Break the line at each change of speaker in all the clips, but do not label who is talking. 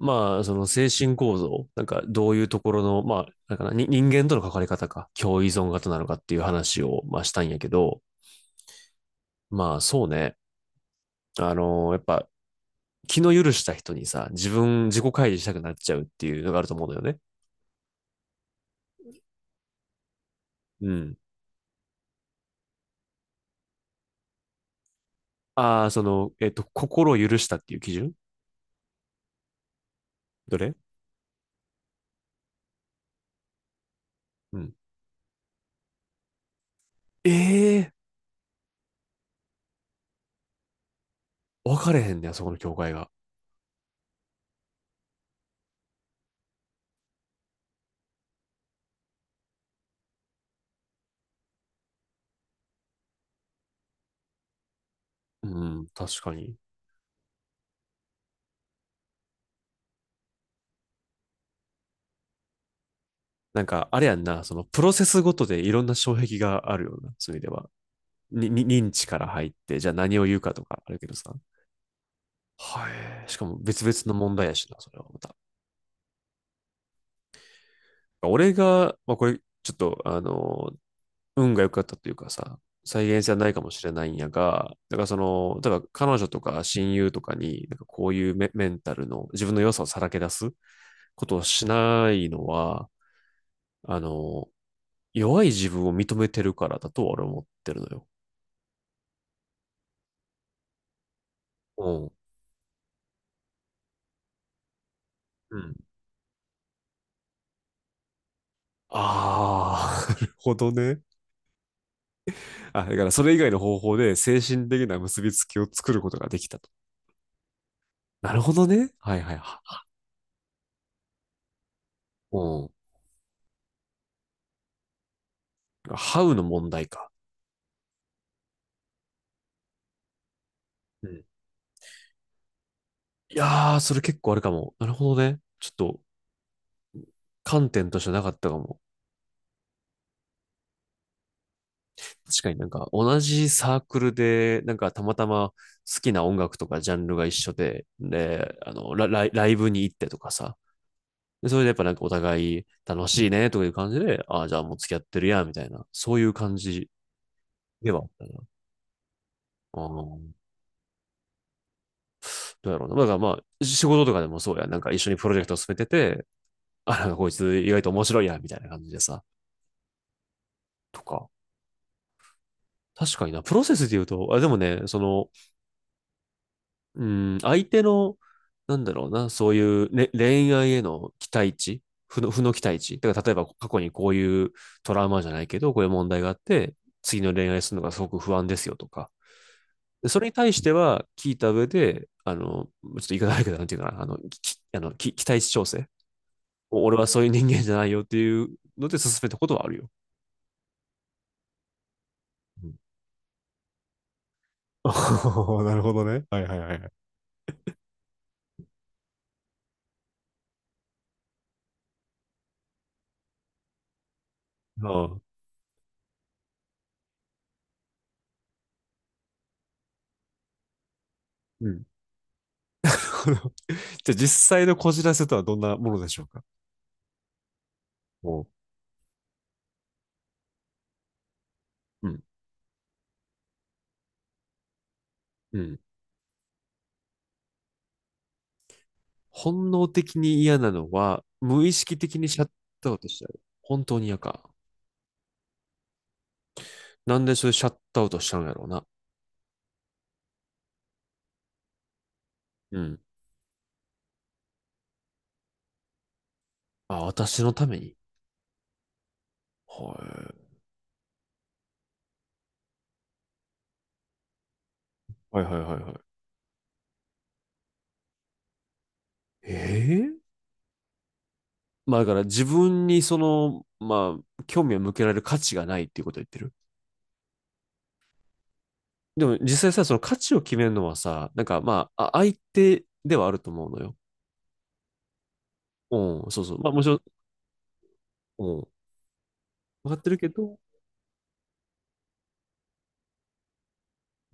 まあ、その精神構造、なんかどういうところの、まあ、なんかな、に人間との関わり方か、共依存型なのかっていう話を、まあ、したんやけど、まあ、そうね。やっぱ、気の許した人にさ、自分、自己開示したくなっちゃうっていうのがあると思うのよね。うん。ああ、その、心を許したっていう基準。どれうん。ええー分かれへんねや、そこの境界が。うん、確かに。なんか、あれやんな、その、プロセスごとでいろんな障壁があるような、そういう意味では。に認知から入って、じゃあ何を言うかとかあるけどさ。はい。しかも別々の問題やしな、それはまた。俺が、まあこれ、ちょっと、運が良かったというかさ、再現性はないかもしれないんやが、だからその、例えば彼女とか親友とかに、なんかこういうメンタルの自分の良さをさらけ出すことをしないのは、あの、弱い自分を認めてるからだと俺は思ってるのよ。うん。うん。ああ、なるほどね。あ、だからそれ以外の方法で精神的な結びつきを作ることができたと。なるほどね。はいはいは。うん。ハウの問題か。うん。いやー、それ結構あるかも。なるほどね。ちょっと観点としてなかったかも。確かになんか同じサークルで、なんかたまたま好きな音楽とかジャンルが一緒で、で、あの、ライブに行ってとかさ。で、それでやっぱなんかお互い楽しいねとかいう感じで、ああ、じゃあもう付き合ってるや、みたいな、そういう感じではあったな。あーどうやろうな。だからまあ、仕事とかでもそうや。なんか一緒にプロジェクトを進めてて、あ、なんかこいつ意外と面白いや、みたいな感じでさ、とか。確かにな、プロセスで言うと、あ、でもね、その、うん、相手の、なんだろうな、そういう、ね、恋愛への期待値。負の期待値。だから例えば過去にこういうトラウマじゃないけど、こういう問題があって、次の恋愛するのがすごく不安ですよとか。それに対しては聞いた上で、あの、ちょっと言い方悪いけど、なんていうかな、あの、きあのき期待値調整。俺はそういう人間じゃないよっていうので進めたことはあるよ。うん。 なるほどね。はいはいはいはい。ああ、うん。 じゃあ実際のこじらせとはどんなものでしょうか。もうん。うん。本能的に嫌なのは、無意識的にシャットアウトしちゃう。本当に嫌か。なんでそれシャットアウトしちゃうんやろうな。うん。あ、私のために。はい。はいはいはいはい。ええー、まあだから自分にその、まあ、興味を向けられる価値がないっていうことを言ってる。でも実際さ、その価値を決めるのはさ、なんかまあ、相手ではあると思うのよ。うん、そうそう。まあもちろん、うん、分かってるけど、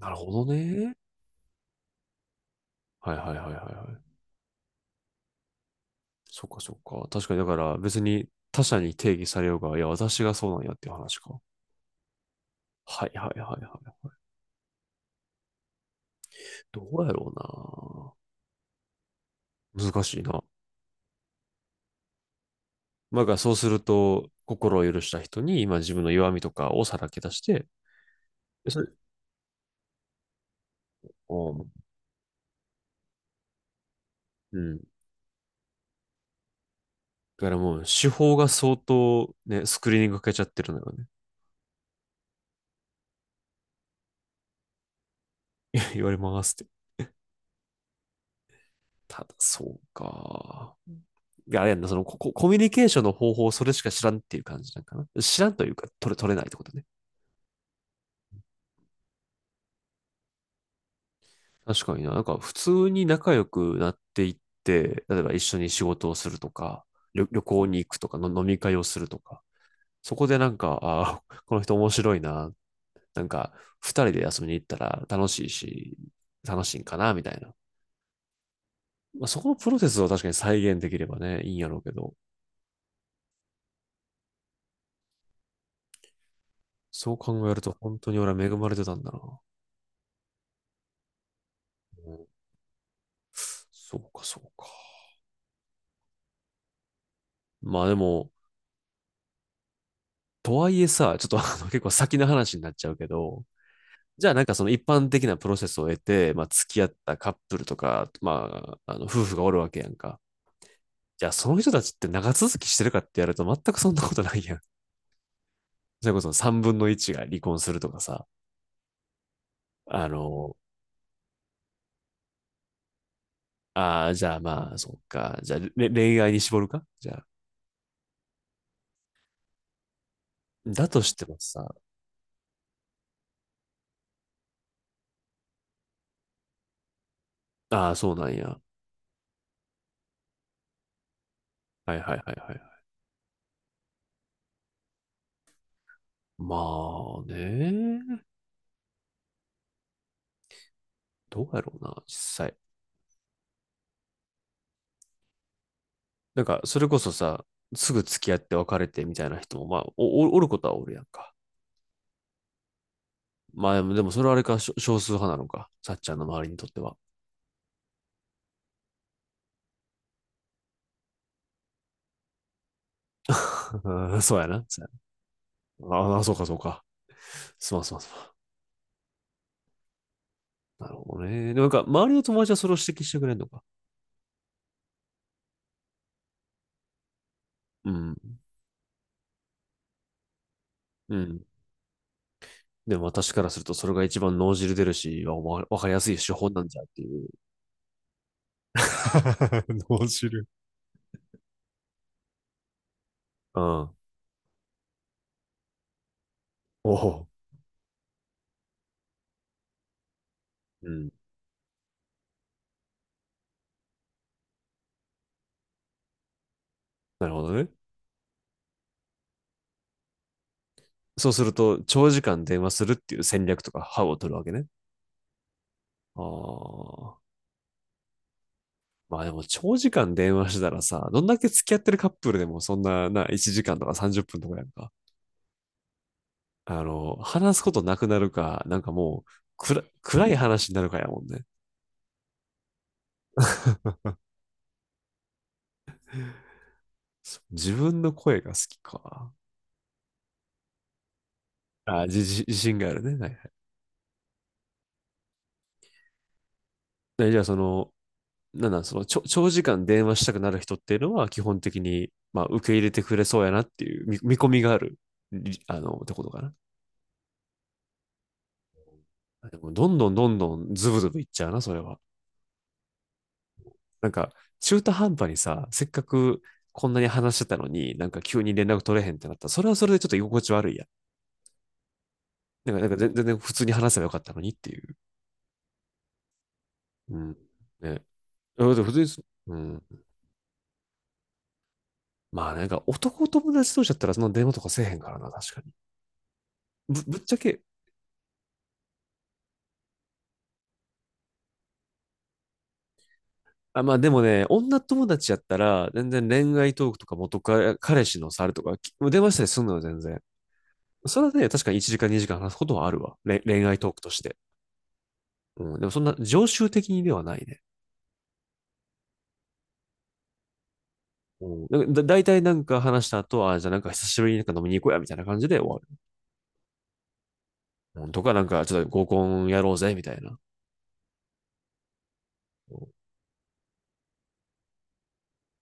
なるほどね。はいはいはいはいはい。そっかそっか。確かに、だから別に他者に定義されようが、いや、私がそうなんやっていう話か。はいはいはいはい。どうやろうな。難しいな。まあ、だからそうすると、心を許した人に今自分の弱みとかをさらけ出して、でそれ、うん、うん、だからもう手法が相当ね、スクリーニングかけちゃってるのよね。言われますって。ただ、そうか。いや、あれやんな、そのコミュニケーションの方法をそれしか知らんっていう感じなんかな。知らんというか、取れないってことね。確かにな。なんか、普通に仲良くなっていって、例えば一緒に仕事をするとか、旅行に行くとかの、飲み会をするとか、そこでなんか、ああ、この人面白いな。なんか、二人で遊びに行ったら楽しいし、楽しいんかな、みたいな。まあ、そこのプロセスを確かに再現できればね、いいんやろうけど、そう考えると本当に俺は恵まれてたんだな。うん、そうか、そうか。まあでも、とはいえさ、ちょっと結構先の話になっちゃうけど、じゃあなんかその一般的なプロセスを得て、まあ付き合ったカップルとか、まあ、あの夫婦がおるわけやんか。じゃあその人たちって長続きしてるかってやると全くそんなことないやん。それこそ3分の1が離婚するとかさ、あの、ああ、じゃあまあ、そっか。じゃあ、恋愛に絞るかじゃあ、だとしてもさ、ああ、そうなんや。はいはいはいはい。まあね、どうやろうな、実際。なんか、それこそさ、すぐ付き合って別れてみたいな人も、まあ、おおることはおるやんか。まあ、でもそれはあれか、少数派なのか。さっちゃんの周りにとっては。うん、そうやな。そうやな、ああ、そうかそうか。すまんすまんすまん。なるほどね。でもなんか、周りの友達はそれを指摘してくれんのか。うん。うん。でも私からすると、それが一番脳汁出るし、わかりやすい手法なんじゃっていう。脳汁。うん。おお、うん。なるほどね。そうすると、長時間電話するっていう戦略とか、歯を取るわけね。ああ。まあでも、長時間電話してたらさ、どんだけ付き合ってるカップルでも、そんな、1時間とか30分とかやんか。あの、話すことなくなるか、なんかもう、暗い話になるかやもんね。自分の声が好きか。あ、自信があるね。はいはい。じゃあ、その、なんなん、その、長時間電話したくなる人っていうのは、基本的に、まあ、受け入れてくれそうやなっていう見込みがある、ってことかな。でも、どんどんどんどんズブズブいっちゃうな、それは。なんか、中途半端にさ、せっかくこんなに話してたのに、なんか急に連絡取れへんってなったら、それはそれでちょっと居心地悪いやなんか、なんか全然普通に話せばよかったのにっていう。うん。ね。普通に。うん。まあ、なんか男友達同士だったらその電話とかせえへんからな、確かに。ぶっちゃけ、あ、まあでもね、女友達やったら、全然恋愛トークとか元カ彼氏のさるとか、電話したりするのよ、全然。それはね、確かに1時間2時間話すことはあるわ。恋愛トークとして。うん。でもそんな常習的にではないね。うん。だいたいなんか話した後は、じゃあなんか久しぶりになんか飲みに行こうや、みたいな感じで終わる。うん、とかなんかちょっと合コンやろうぜ、みたいな。うん